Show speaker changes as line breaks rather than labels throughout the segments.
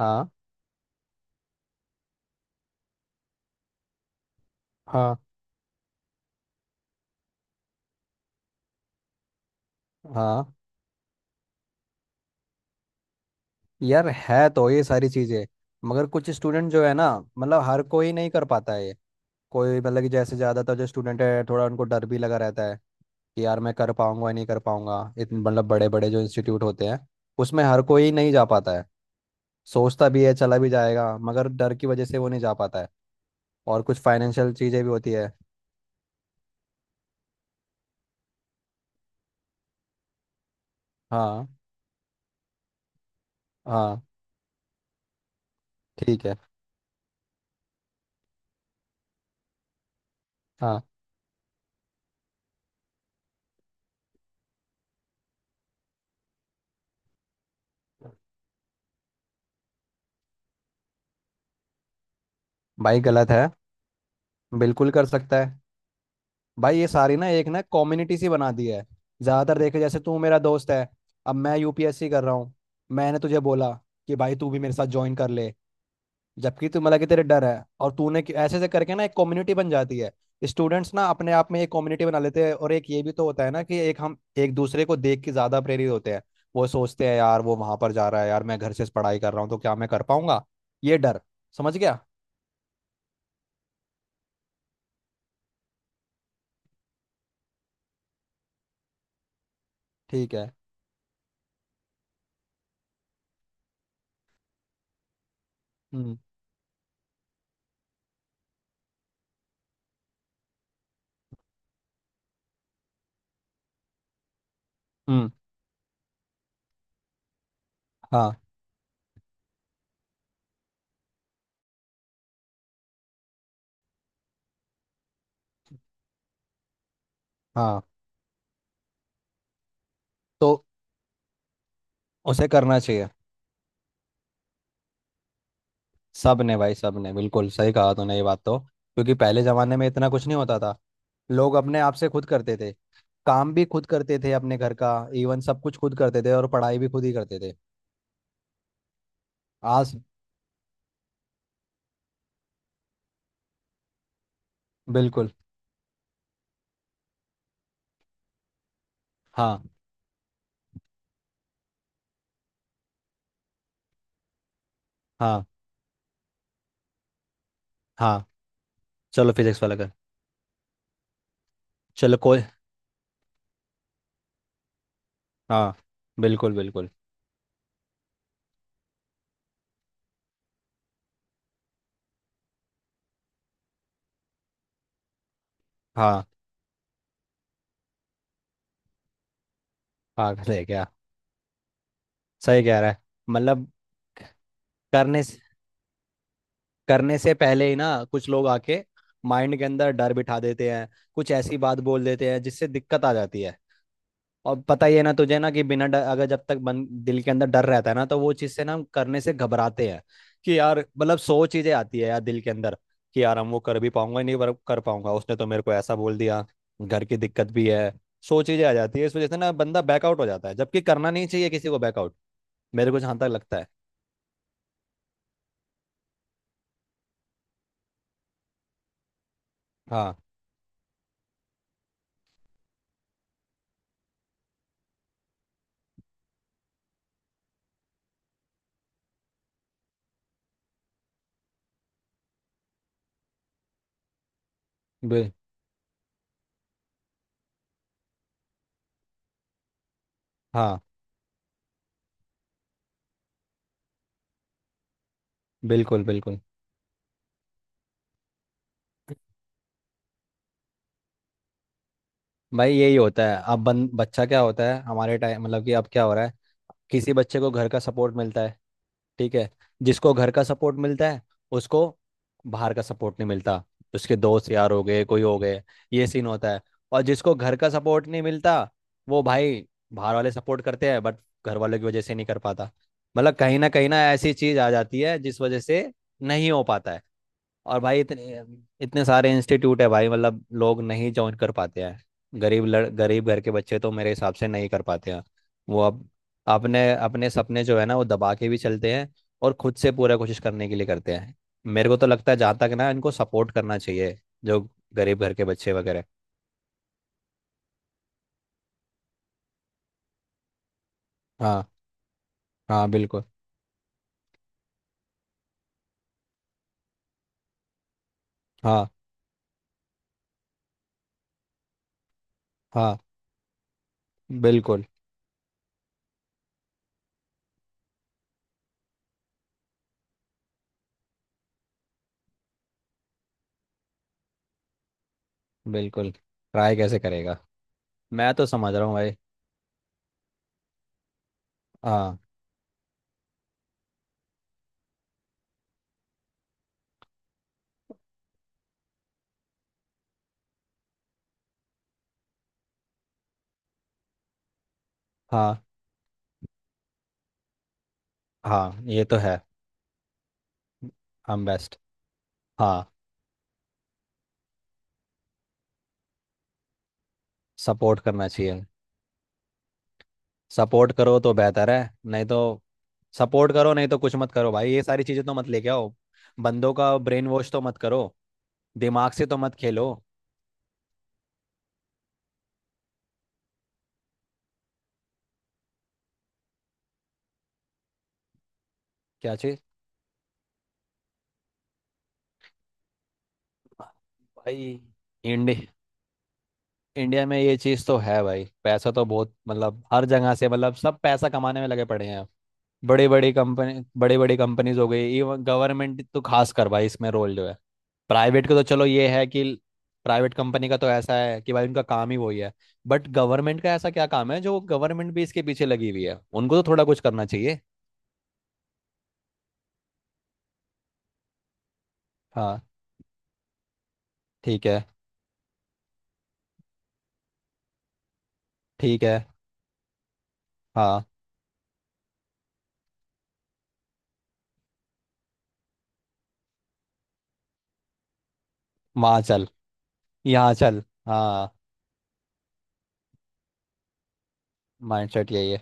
हाँ हाँ हाँ। यार है तो ये सारी चीजें, मगर कुछ स्टूडेंट जो है ना, मतलब हर कोई नहीं कर पाता है ये। कोई मतलब कि जैसे ज़्यादातर जो स्टूडेंट है, थोड़ा उनको डर भी लगा रहता है कि यार मैं कर पाऊंगा या नहीं कर पाऊंगा। इतने मतलब बड़े बड़े जो इंस्टीट्यूट होते हैं उसमें हर कोई नहीं जा पाता है। सोचता भी है, चला भी जाएगा, मगर डर की वजह से वो नहीं जा पाता है। और कुछ फाइनेंशियल चीज़ें भी होती है। हाँ हाँ, ठीक है। हाँ, भाई गलत है। बिल्कुल कर सकता है। भाई ये सारी ना एक ना कम्युनिटी सी बना दी है। ज्यादातर देखे जैसे तू मेरा दोस्त है, अब मैं यूपीएससी कर रहा हूँ, मैंने तुझे बोला कि भाई तू भी मेरे साथ ज्वाइन कर ले। जबकि तू मतलब कि तेरे डर है, और तूने ऐसे ऐसे करके ना एक कम्युनिटी बन जाती है। स्टूडेंट्स ना अपने आप में एक कम्युनिटी बना लेते हैं, और एक ये भी तो होता है ना कि एक हम एक दूसरे को देख के ज्यादा प्रेरित होते हैं। वो सोचते हैं यार वो वहां पर जा रहा है, यार मैं घर से पढ़ाई कर रहा हूँ, तो क्या मैं कर पाऊंगा। ये डर। समझ गया। ठीक है। हम्म हम्म। हाँ हाँ, तो उसे करना चाहिए। सब ने भाई, सब ने बिल्कुल सही कहा तूने ये बात, तो क्योंकि पहले जमाने में इतना कुछ नहीं होता था। लोग अपने आप से खुद करते थे, काम भी खुद करते थे अपने घर का, इवन सब कुछ खुद करते थे, और पढ़ाई भी खुद ही करते थे। आज। बिल्कुल। हाँ हाँ हाँ। चलो फिजिक्स वाला कर। चलो कोई। हाँ बिल्कुल बिल्कुल। हाँ हाँ, सही क्या, सही कह रहा है। मतलब करने से करने से पहले ही ना कुछ लोग आके माइंड के अंदर डर बिठा देते हैं, कुछ ऐसी बात बोल देते हैं जिससे दिक्कत आ जाती है। और पता ही है ना तुझे ना कि बिना डर, अगर जब तक दिल के अंदर डर रहता है ना, तो वो चीज़ से ना हम करने से घबराते हैं, कि यार मतलब सौ चीज़ें आती है यार दिल के अंदर, कि यार हम वो कर भी पाऊंगा नहीं, पर कर पाऊंगा, उसने तो मेरे को ऐसा बोल दिया, घर की दिक्कत भी है। सौ चीज़ें आ जाती है, इस वजह से ना बंदा बैकआउट हो जाता है, जबकि करना नहीं चाहिए किसी को बैकआउट। मेरे को जहाँ तक लगता है। हाँ बिल हाँ बिल्कुल बिल्कुल। भाई यही होता है अब बन बच्चा क्या होता है हमारे टाइम, मतलब कि अब क्या हो रहा है। किसी बच्चे को घर का सपोर्ट मिलता है, ठीक है। जिसको घर का सपोर्ट मिलता है उसको बाहर का सपोर्ट नहीं मिलता। उसके दोस्त यार हो गए, कोई हो गए, ये सीन होता है। और जिसको घर का सपोर्ट नहीं मिलता वो भाई बाहर वाले सपोर्ट करते हैं, बट घर वालों की वजह से नहीं कर पाता। मतलब कहीं ना ऐसी चीज आ जाती है जिस वजह से नहीं हो पाता है। और भाई इतने इतने सारे इंस्टीट्यूट है भाई, मतलब लोग नहीं ज्वाइन कर पाते हैं। गरीब लड़ गरीब घर के बच्चे तो मेरे हिसाब से नहीं कर पाते हैं। वो अब अपने अपने सपने जो है ना वो दबा के भी चलते हैं, और खुद से पूरा कोशिश करने के लिए करते हैं। मेरे को तो लगता है जहाँ तक ना इनको सपोर्ट करना चाहिए, जो गरीब घर के बच्चे वगैरह। हाँ हाँ बिल्कुल। हाँ हाँ बिल्कुल बिल्कुल। ट्राई कैसे करेगा। मैं तो समझ रहा हूँ भाई। हाँ हाँ हाँ, ये तो है। हम बेस्ट। हाँ सपोर्ट करना चाहिए। सपोर्ट करो तो बेहतर है, नहीं तो, सपोर्ट करो नहीं तो कुछ मत करो भाई, ये सारी चीज़ें तो मत लेके आओ। बंदों का ब्रेन वॉश तो मत करो। दिमाग से तो मत खेलो। क्या चीज़। भाई इंडिया इंडिया में ये चीज़ तो है भाई, पैसा तो बहुत मतलब हर जगह से, मतलब सब पैसा कमाने में लगे पड़े हैं। बड़े बड़े कंपनी, बड़े बड़े कंपनीज हो गई, इवन गवर्नमेंट तो खास कर भाई इसमें रोल जो है। प्राइवेट का तो चलो ये है कि प्राइवेट कंपनी का तो ऐसा है कि भाई उनका काम ही वही है। बट गवर्नमेंट का ऐसा क्या काम है जो गवर्नमेंट भी इसके पीछे लगी हुई है, उनको तो थोड़ा कुछ करना चाहिए। हाँ। ठीक है। ठीक है। हाँ। वहाँ चल, यहाँ चल। हाँ, माइंडसेट यही है।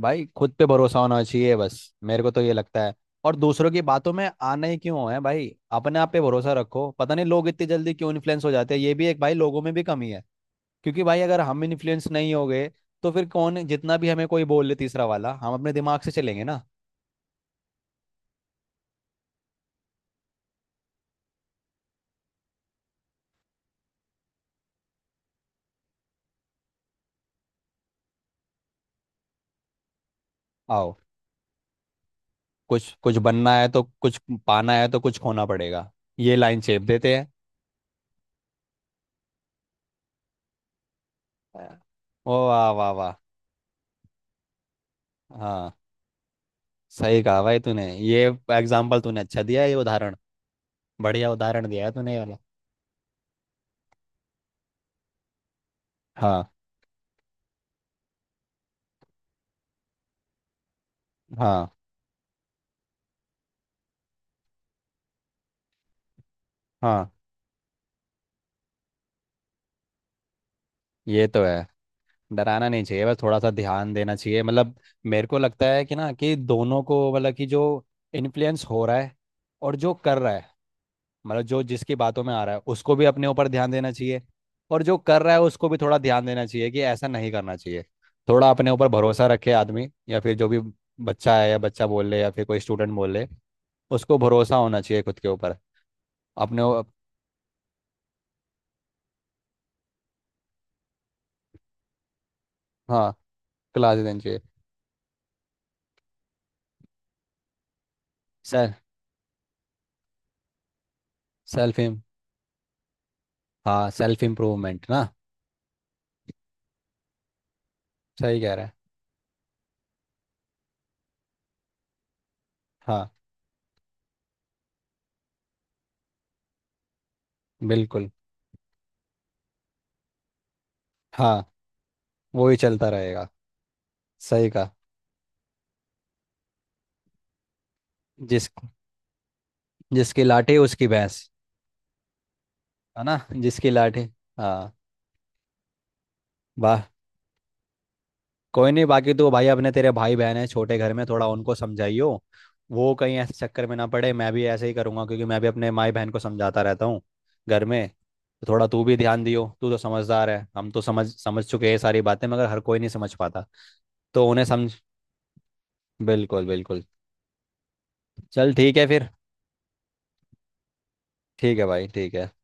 भाई खुद पे भरोसा होना चाहिए बस, मेरे को तो ये लगता है। और दूसरों की बातों में आने क्यों है भाई, अपने आप पे भरोसा रखो। पता नहीं लोग इतनी जल्दी क्यों इन्फ्लुएंस हो जाते हैं, ये भी एक भाई लोगों में भी कमी है। क्योंकि भाई अगर हम इन्फ्लुएंस नहीं हो गए, तो फिर कौन जितना भी हमें कोई बोल ले तीसरा वाला, हम अपने दिमाग से चलेंगे ना। आओ। कुछ कुछ बनना है तो कुछ, पाना है तो कुछ खोना पड़ेगा। ये लाइन शेप देते हैं। ओ वाह वाह वाह। हाँ सही कहा भाई तूने, ये एग्जाम्पल तूने अच्छा दिया है, ये उदाहरण, बढ़िया उदाहरण दिया है तूने ये वाला। हाँ हाँ हाँ, ये तो है। डराना नहीं चाहिए, बस थोड़ा सा ध्यान देना चाहिए मतलब। मेरे को लगता है कि ना कि दोनों को, मतलब कि जो इन्फ्लुएंस हो रहा है और जो कर रहा है, मतलब जो जिसकी बातों में आ रहा है उसको भी अपने ऊपर ध्यान देना चाहिए। और जो कर रहा है उसको भी थोड़ा ध्यान देना चाहिए कि ऐसा नहीं करना चाहिए। थोड़ा अपने ऊपर भरोसा रखे आदमी, या फिर जो भी बच्चा है, या बच्चा बोल ले, या फिर कोई स्टूडेंट बोल ले, उसको भरोसा होना चाहिए खुद के ऊपर। अपने ऊ- हाँ, क्लास देनी चाहिए। Self self. हाँ, सेल्फ इम्प्रूवमेंट ना। सही कह रहा है। हाँ बिल्कुल। हाँ, वो ही चलता रहेगा। सही कहा। जिस, जिसकी लाठी उसकी भैंस। है ना, जिसकी लाठी। हाँ। वाह। कोई नहीं, बाकी तो भाई अपने, तेरे भाई बहन है छोटे घर में, थोड़ा उनको समझाइयो। वो कहीं ऐसे चक्कर में ना पड़े। मैं भी ऐसे ही करूँगा क्योंकि मैं भी अपने माई बहन को समझाता रहता हूँ घर में। तो थोड़ा तू भी ध्यान दियो, तू तो समझदार है, हम तो समझ समझ चुके हैं सारी बातें, मगर हर कोई नहीं समझ पाता, तो उन्हें समझ। बिल्कुल बिल्कुल। चल ठीक है फिर। ठीक है भाई, ठीक है।